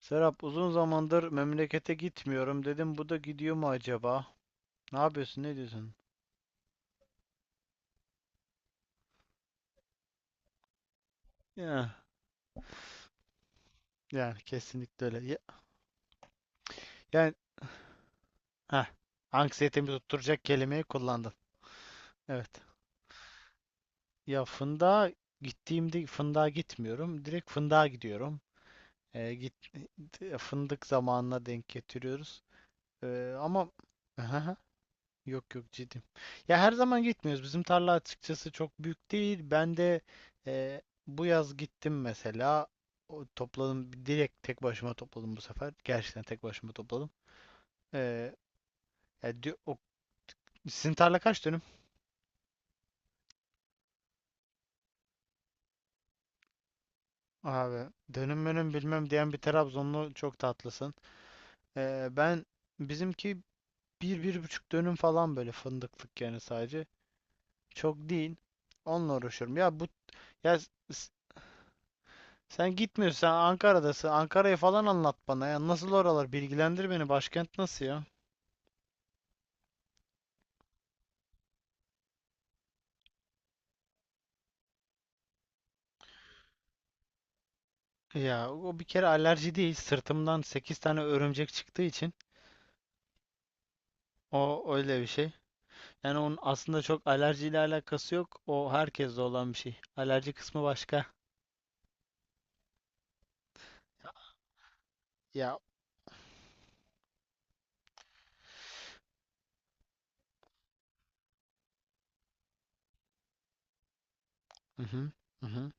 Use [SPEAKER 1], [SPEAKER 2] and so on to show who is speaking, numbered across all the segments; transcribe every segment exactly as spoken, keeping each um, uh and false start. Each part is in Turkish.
[SPEAKER 1] Serap, uzun zamandır memlekete gitmiyorum. Dedim bu da gidiyor mu acaba? Ne yapıyorsun? Ne diyorsun? Ya, yani kesinlikle öyle. Ya, yani, heh, anksiyetemi tutturacak kelimeyi kullandın. Evet. Ya fındığa gittiğimde fındığa gitmiyorum. Direkt fındığa gidiyorum. Ee, git, e, Fındık zamanına denk getiriyoruz. Ee, ama. Yok yok, ciddiyim. Ya her zaman gitmiyoruz. Bizim tarla açıkçası çok büyük değil. Ben de e, bu yaz gittim mesela. O, topladım. Direkt tek başıma topladım bu sefer. Gerçekten tek başıma topladım. E, ya diyor- o- Sizin tarla kaç dönüm? Abi, dönüm dönüm bilmem diyen bir Trabzonlu, çok tatlısın. E, ben Bizimki bir, bir buçuk dönüm falan, böyle fındıklık yani, sadece. Çok değil. Onunla uğraşıyorum. Ya bu ya s- Sen gitmiyorsun, sen Ankara'dasın. Ankara'yı falan anlat bana ya. Nasıl oralar? Bilgilendir beni. Başkent nasıl ya? Ya, o bir kere alerji değil. Sırtımdan sekiz tane örümcek çıktığı için, o öyle bir şey. Yani onun aslında çok alerjiyle alakası yok. O herkeste olan bir şey. Alerji kısmı başka. Ya, hı hı, hı hı.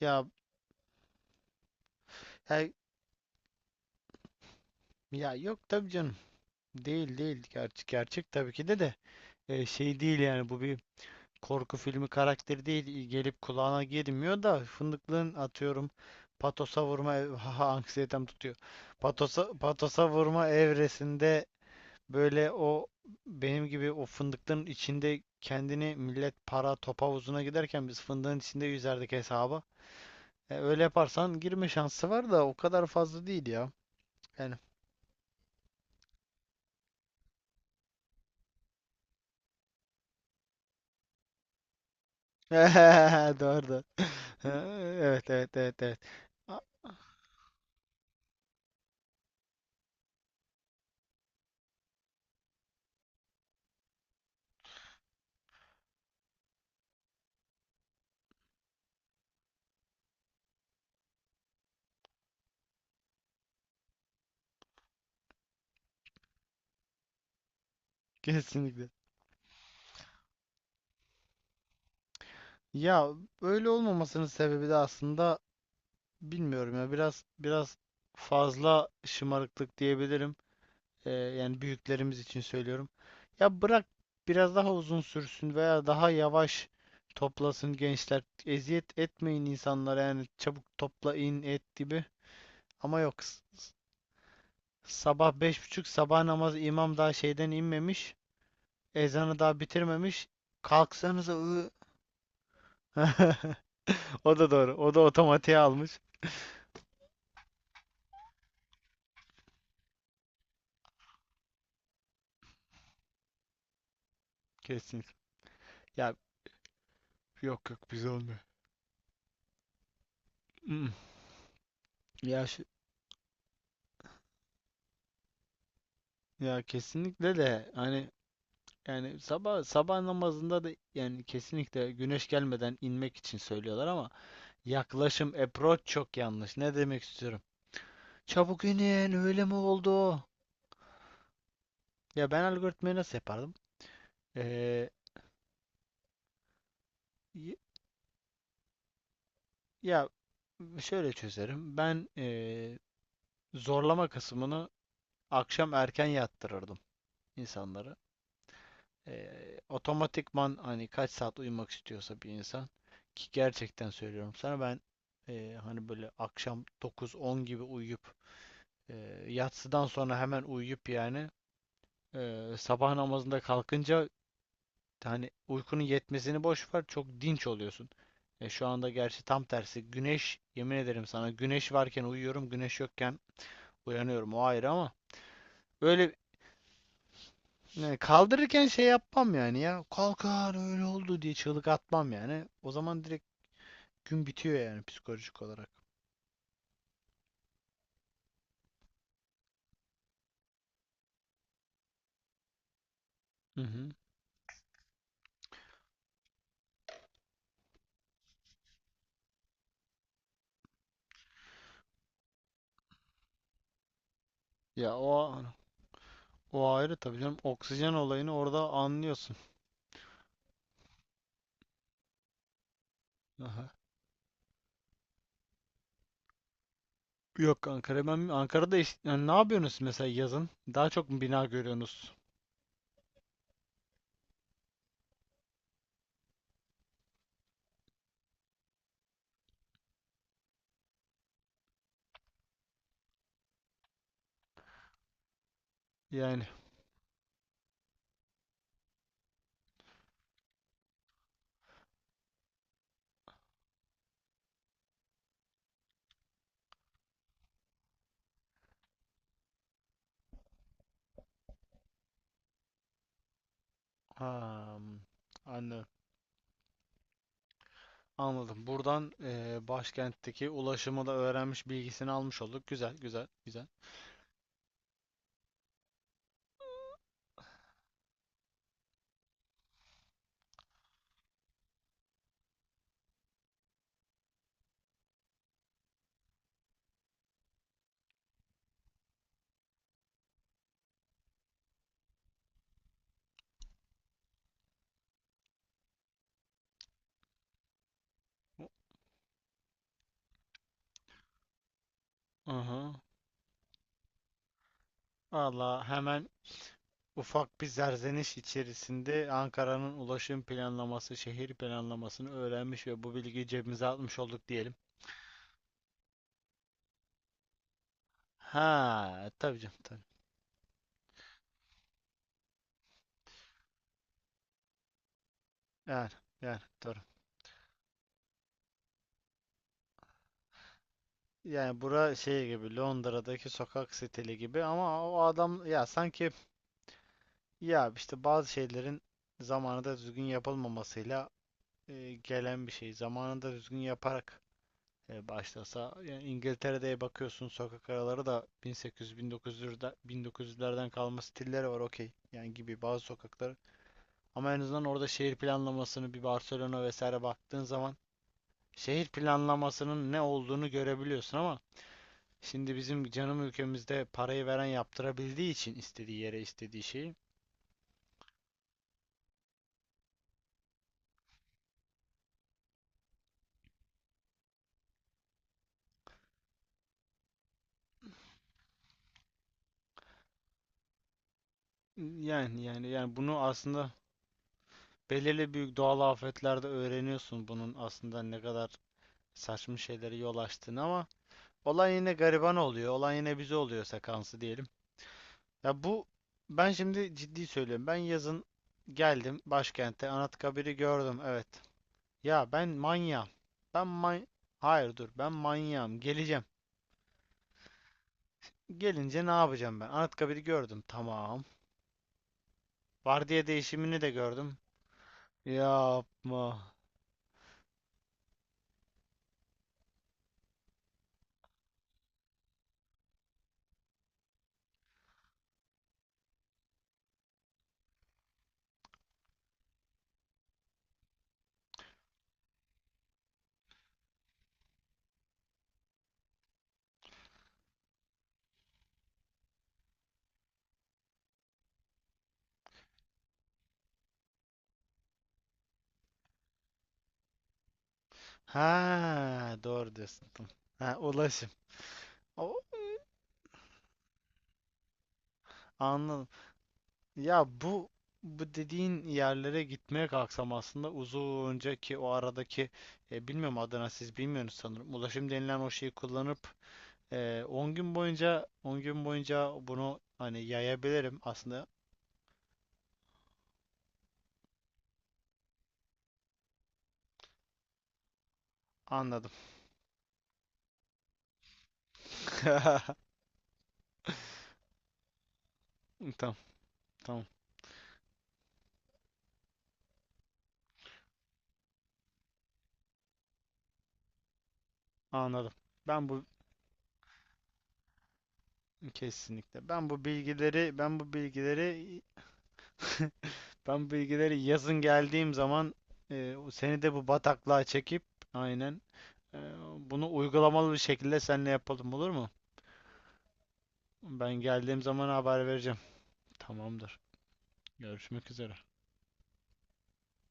[SPEAKER 1] Ya he- ya yok, tabii canım. Değil değil. Gerçek, gerçek tabii ki de de. E, şey değil yani, bu bir korku filmi karakteri değil, gelip kulağına girmiyor da fındıklığın, atıyorum, patosa vurma ev- haha, anksiyetem tutuyor. Patosa patosa vurma evresinde, böyle o benim gibi o fındıklığın içinde kendini, millet para top havuzuna giderken biz fındığın içinde yüzerdik hesaba. E, öyle yaparsan girme şansı var da o kadar fazla değil ya. Yani doğru. Doğru. Evet, evet, evet, evet. A- Kesinlikle. Ya, öyle olmamasının sebebi de aslında, bilmiyorum ya, biraz biraz fazla şımarıklık diyebilirim. Ee, yani büyüklerimiz için söylüyorum. Ya, bırak biraz daha uzun sürsün veya daha yavaş toplasın gençler. Eziyet etmeyin insanlara yani, çabuk toplayın et gibi. Ama yok. S- s- sabah beş buçuk, sabah namazı, imam daha şeyden inmemiş. Ezanı daha bitirmemiş. Kalksanıza ı. O da doğru. O da otomatiğe almış. Kesin. Ya yok yok, bize olmuyor. Mm. Ya şu, ya kesinlikle de hani, yani sabah sabah namazında da yani, kesinlikle güneş gelmeden inmek için söylüyorlar ama yaklaşım, approach, çok yanlış. Ne demek istiyorum? Çabuk inin öyle mi oldu? Ya, ben algoritmayı nasıl yapardım? Ee, y- ya şöyle çözerim. Ben, ee, zorlama kısmını akşam erken yattırırdım insanları. Eee, otomatikman, hani kaç saat uyumak istiyorsa bir insan, ki gerçekten söylüyorum sana ben, eee, hani böyle akşam dokuz on gibi uyuyup, eee, yatsıdan sonra hemen uyuyup yani, eee, sabah namazında kalkınca, hani uykunun yetmesini boş ver, çok dinç oluyorsun. E, şu anda gerçi tam tersi, güneş, yemin ederim sana, güneş varken uyuyorum, güneş yokken uyanıyorum, o ayrı ama, öyle. Yani kaldırırken şey yapmam yani ya. Kalkar öyle oldu diye çığlık atmam yani. O zaman direkt gün bitiyor yani, psikolojik olarak. Hı hı. Ya, o o ayrı tabii canım. Oksijen olayını orada anlıyorsun. Aha. Yok, Ankara, ben Ankara'da iş- yani, ne yapıyorsunuz mesela yazın? Daha çok mu bina görüyorsunuz? Yani ha, anladım. Anladım. Buradan, eee, başkentteki ulaşımı da öğrenmiş, bilgisini almış olduk. Güzel, güzel, güzel. Aha. Valla hemen. Ufak bir zerzeniş içerisinde Ankara'nın ulaşım planlaması, şehir planlamasını öğrenmiş ve bu bilgiyi cebimize atmış olduk diyelim. Ha, tabii canım, tabii. Yani, yani doğru. Yani bura şey gibi, Londra'daki sokak stili gibi, ama o adam, ya sanki, ya işte bazı şeylerin zamanında düzgün yapılmamasıyla e, gelen bir şey. Zamanında düzgün yaparak e, başlasa. Yani İngiltere'de bakıyorsun, sokak araları da bin sekiz yüz bin dokuz yüzlerden bin dokuz yüzlerden kalma stilleri var, okey. Yani gibi bazı sokakları. Ama en azından orada şehir planlamasını, bir Barcelona vesaire baktığın zaman şehir planlamasının ne olduğunu görebiliyorsun, ama şimdi bizim canım ülkemizde parayı veren yaptırabildiği için istediği yere istediği şeyi. Yani yani yani bunu aslında belirli büyük doğal afetlerde öğreniyorsun, bunun aslında ne kadar saçma şeylere yol açtığını, ama. Olan yine gariban oluyor. Olan yine bize oluyor sekansı diyelim. Ya bu ben şimdi ciddi söylüyorum. Ben yazın geldim başkente, Anıtkabir'i gördüm. Evet. Ya, ben manyağım. Ben man Hayır, dur. Ben manyağım. Geleceğim. Gelince ne yapacağım ben? Anıtkabir'i gördüm. Tamam. Vardiya değişimini de gördüm. Yapma. Ha, doğru diyorsun. Tamam. Ha, ulaşım. O, anladım. Ya, bu bu dediğin yerlere gitmeye kalksam aslında uzunca, ki o aradaki, e, bilmiyorum, Adana, siz bilmiyorsunuz sanırım. Ulaşım denilen o şeyi kullanıp e, on gün boyunca, on gün boyunca bunu hani yayabilirim aslında. Anladım. Tamam, tamam. Anladım. Ben bu Kesinlikle. Ben bu bilgileri ben bu bilgileri Ben bu bilgileri yazın geldiğim zaman, e, seni de bu bataklığa çekip, aynen. Ee, Bunu uygulamalı bir şekilde seninle yapalım, olur mu? Ben geldiğim zaman haber vereceğim. Tamamdır. Görüşmek üzere.